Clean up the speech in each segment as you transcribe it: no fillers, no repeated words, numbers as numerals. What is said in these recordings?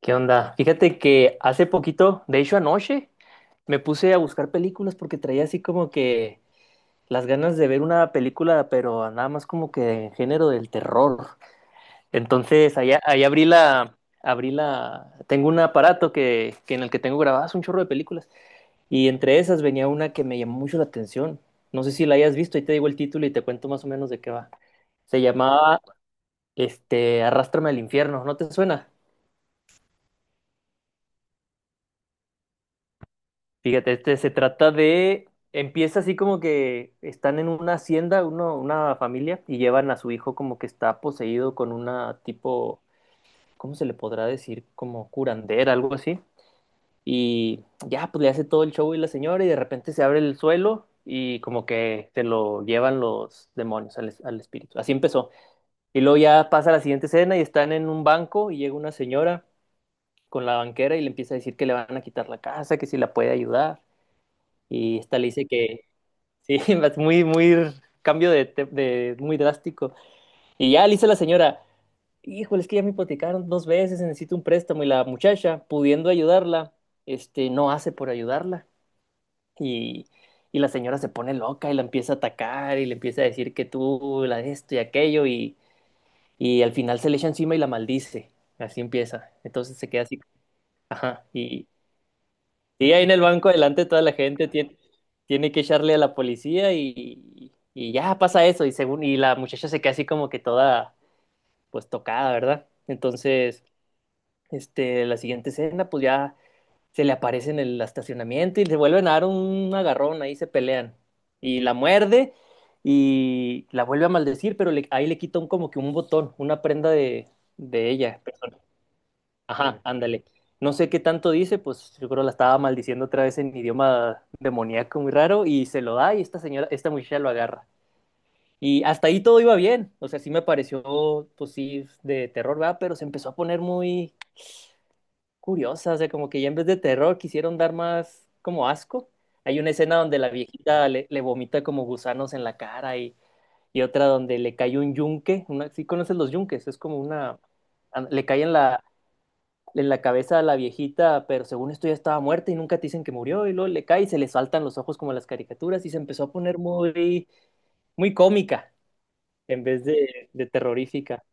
¿Qué onda? Fíjate que hace poquito, de hecho anoche, me puse a buscar películas porque traía así como que las ganas de ver una película, pero nada más como que en género del terror. Entonces, allá abrí la, tengo un aparato que en el que tengo grabadas un chorro de películas. Y entre esas venía una que me llamó mucho la atención. No sé si la hayas visto, ahí te digo el título y te cuento más o menos de qué va. Se llamaba, Arrástrame al infierno, ¿no te suena? Fíjate, se trata de, empieza así como que están en una hacienda, uno, una familia, y llevan a su hijo como que está poseído con una tipo, ¿cómo se le podrá decir? Como curandera, algo así. Y ya, pues le hace todo el show y la señora, y de repente se abre el suelo y como que se lo llevan los demonios al, al espíritu. Así empezó. Y luego ya pasa la siguiente escena y están en un banco y llega una señora con la banquera y le empieza a decir que le van a quitar la casa, que si la puede ayudar. Y esta le dice que, sí, es muy cambio de muy drástico. Y ya le dice la señora, híjole, es que ya me hipotecaron dos veces, necesito un préstamo. Y la muchacha, pudiendo ayudarla, no hace por ayudarla. Y, y la señora se pone loca y la empieza a atacar y le empieza a decir que tú, la de esto y aquello. Y al final se le echa encima y la maldice. Así empieza. Entonces se queda así, ajá. Y, sí, ahí en el banco delante toda la gente tiene, tiene que echarle a la policía y ya pasa eso. Y según, y la muchacha se queda así como que toda pues tocada, ¿verdad? Entonces, la siguiente escena, pues ya se le aparece en el estacionamiento y se vuelven a dar un agarrón, ahí se pelean. Y la muerde y la vuelve a maldecir, pero ahí le quita un, como que un botón, una prenda de ella. Ajá, ándale. No sé qué tanto dice, pues yo creo la estaba maldiciendo otra vez en idioma demoníaco muy raro y se lo da y esta señora, esta muchacha lo agarra. Y hasta ahí todo iba bien, o sea, sí me pareció, pues sí, de terror, ¿verdad? Pero se empezó a poner muy curiosa, o sea, como que ya en vez de terror quisieron dar más como asco. Hay una escena donde la viejita le vomita como gusanos en la cara y otra donde le cae un yunque, una, ¿sí conoces los yunques? Es como una, le cae en la cabeza a la viejita, pero según esto ya estaba muerta y nunca te dicen que murió, y luego le cae y se le saltan los ojos como las caricaturas y se empezó a poner muy cómica en vez de terrorífica.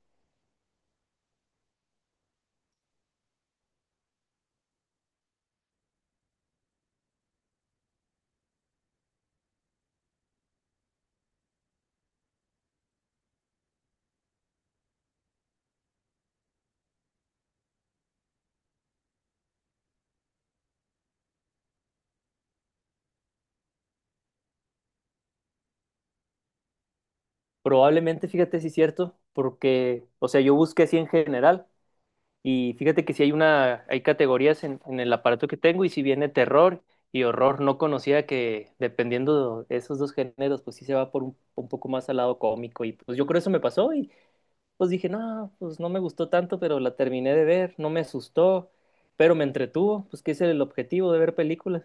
Probablemente, fíjate si es cierto, porque, o sea, yo busqué así en general y fíjate que si hay una, hay categorías en el aparato que tengo y si viene terror y horror, no conocía que dependiendo de esos dos géneros, pues sí se va por un poco más al lado cómico y pues yo creo eso me pasó y pues dije, no, pues no me gustó tanto, pero la terminé de ver, no me asustó, pero me entretuvo, pues que ese es el objetivo de ver películas.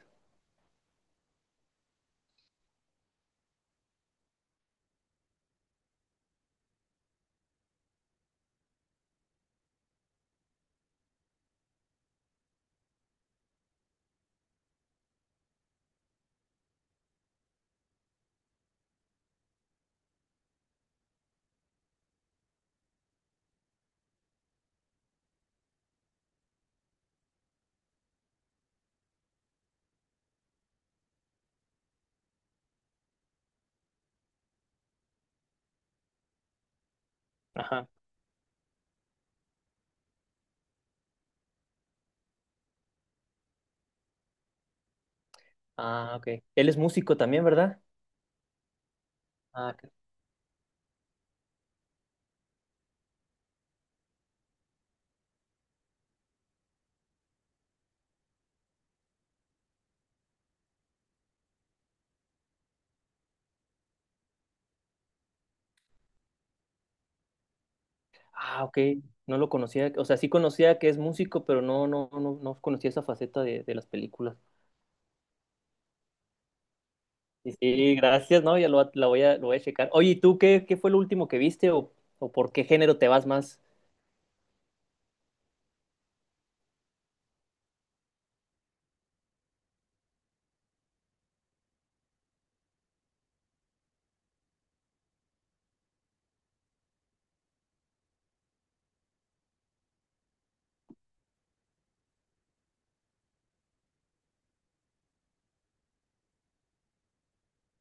Ajá. Ah, ok. Él es músico también, ¿verdad? Ah, ok. Ah, ok. No lo conocía, o sea, sí conocía que es músico, pero no, no, no, no conocía esa faceta de las películas. Sí, sí, gracias, ¿no? Ya lo, la voy a, lo voy a checar. Oye, ¿y tú qué, qué fue lo último que viste o por qué género te vas más?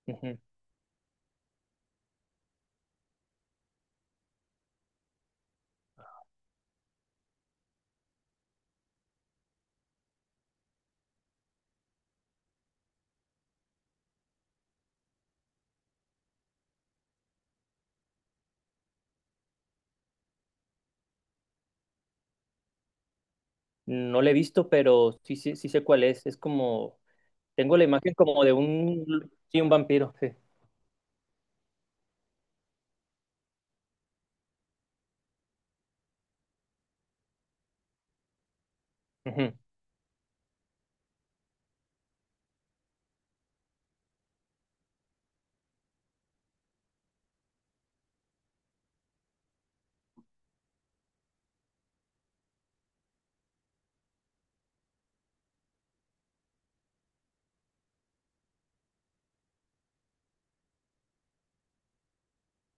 Ujú. No lo he visto, pero sí, sí, sí sé cuál es. Es como tengo la imagen como de un, sí, un vampiro, sí. Ujú.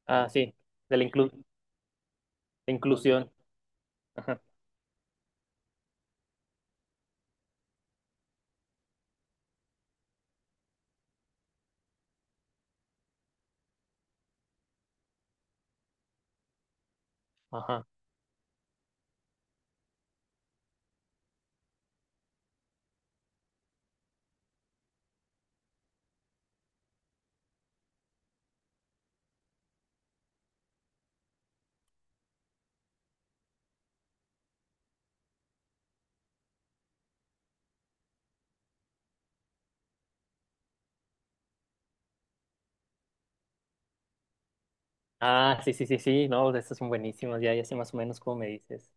Ah, sí, de de inclusión. Ajá, ajá. Ah, sí, sí, sí, sí, no, de estos son buenísimos, ya, ya sé más o menos cómo me dices.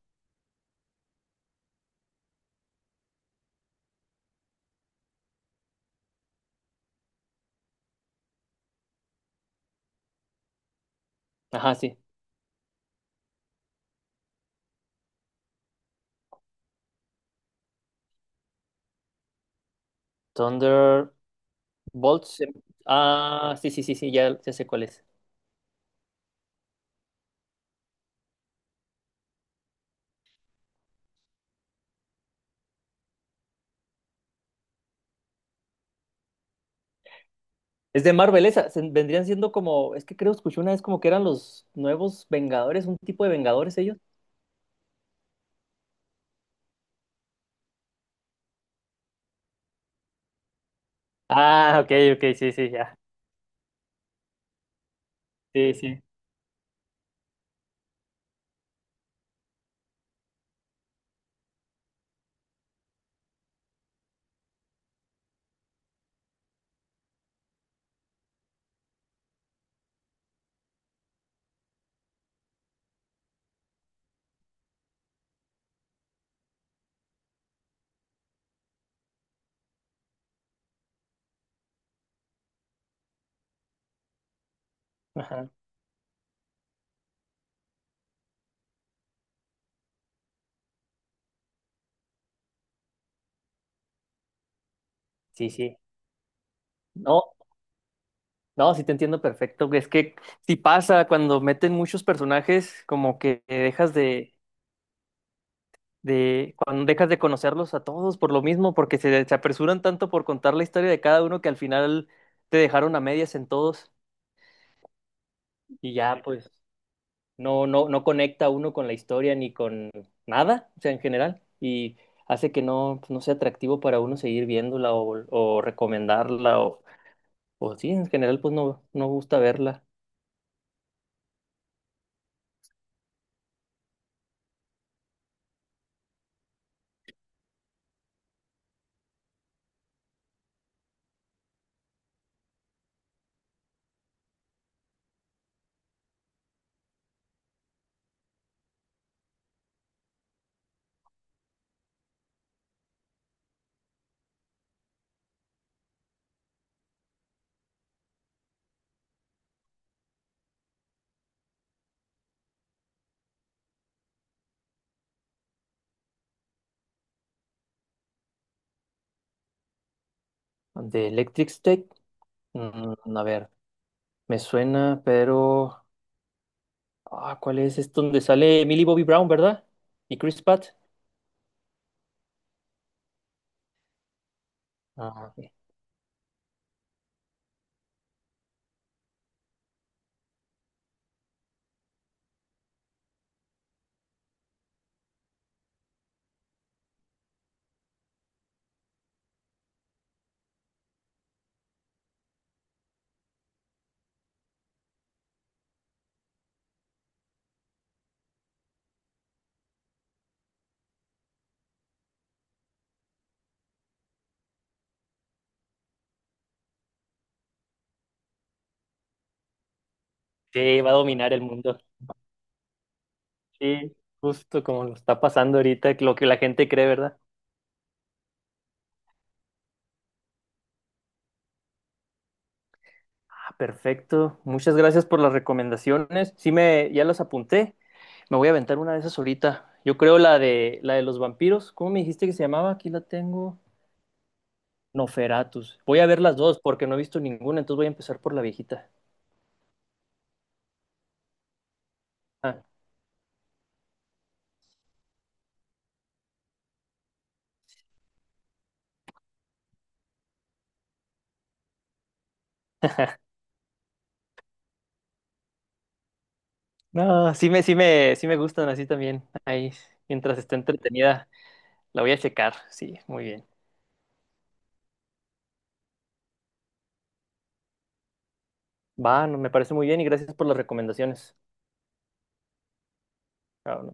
Ajá, sí. Thunderbolts. em, Ah, sí, sí, sí, sí, ya, ya sé cuál es. Es de Marvel esa, vendrían siendo como, es que creo escuché una vez como que eran los nuevos Vengadores, un tipo de Vengadores ellos. Ah, ok, ok, sí, sí, ya. Sí, sí. Ajá. Sí, sí. No. No, sí te entiendo perfecto. Es que si pasa cuando meten muchos personajes, como que dejas de, cuando dejas de conocerlos a todos por lo mismo, porque se apresuran tanto por contar la historia de cada uno que al final te dejaron a medias en todos y ya pues no, no conecta uno con la historia ni con nada, o sea, en general, y hace que no, pues, no sea atractivo para uno seguir viéndola o recomendarla o sí, en general pues no, no gusta verla. De Electric State, mm, a ver. Me suena, pero... Ah, ¿cuál es? Es donde sale Millie Bobby Brown, ¿verdad? Y Chris Pratt. Ah, ok. Sí, va a dominar el mundo. Sí, justo como lo está pasando ahorita, lo que la gente cree, ¿verdad? Ah, perfecto. Muchas gracias por las recomendaciones. Sí, me, ya las apunté. Me voy a aventar una de esas ahorita. Yo creo la de los vampiros. ¿Cómo me dijiste que se llamaba? Aquí la tengo. Noferatus. Voy a ver las dos porque no he visto ninguna, entonces voy a empezar por la viejita. Ah, no, sí me, sí me, sí me gustan así también. Ahí, mientras esté entretenida, la voy a checar. Sí, muy bien. Va, no, me parece muy bien y gracias por las recomendaciones. Ah,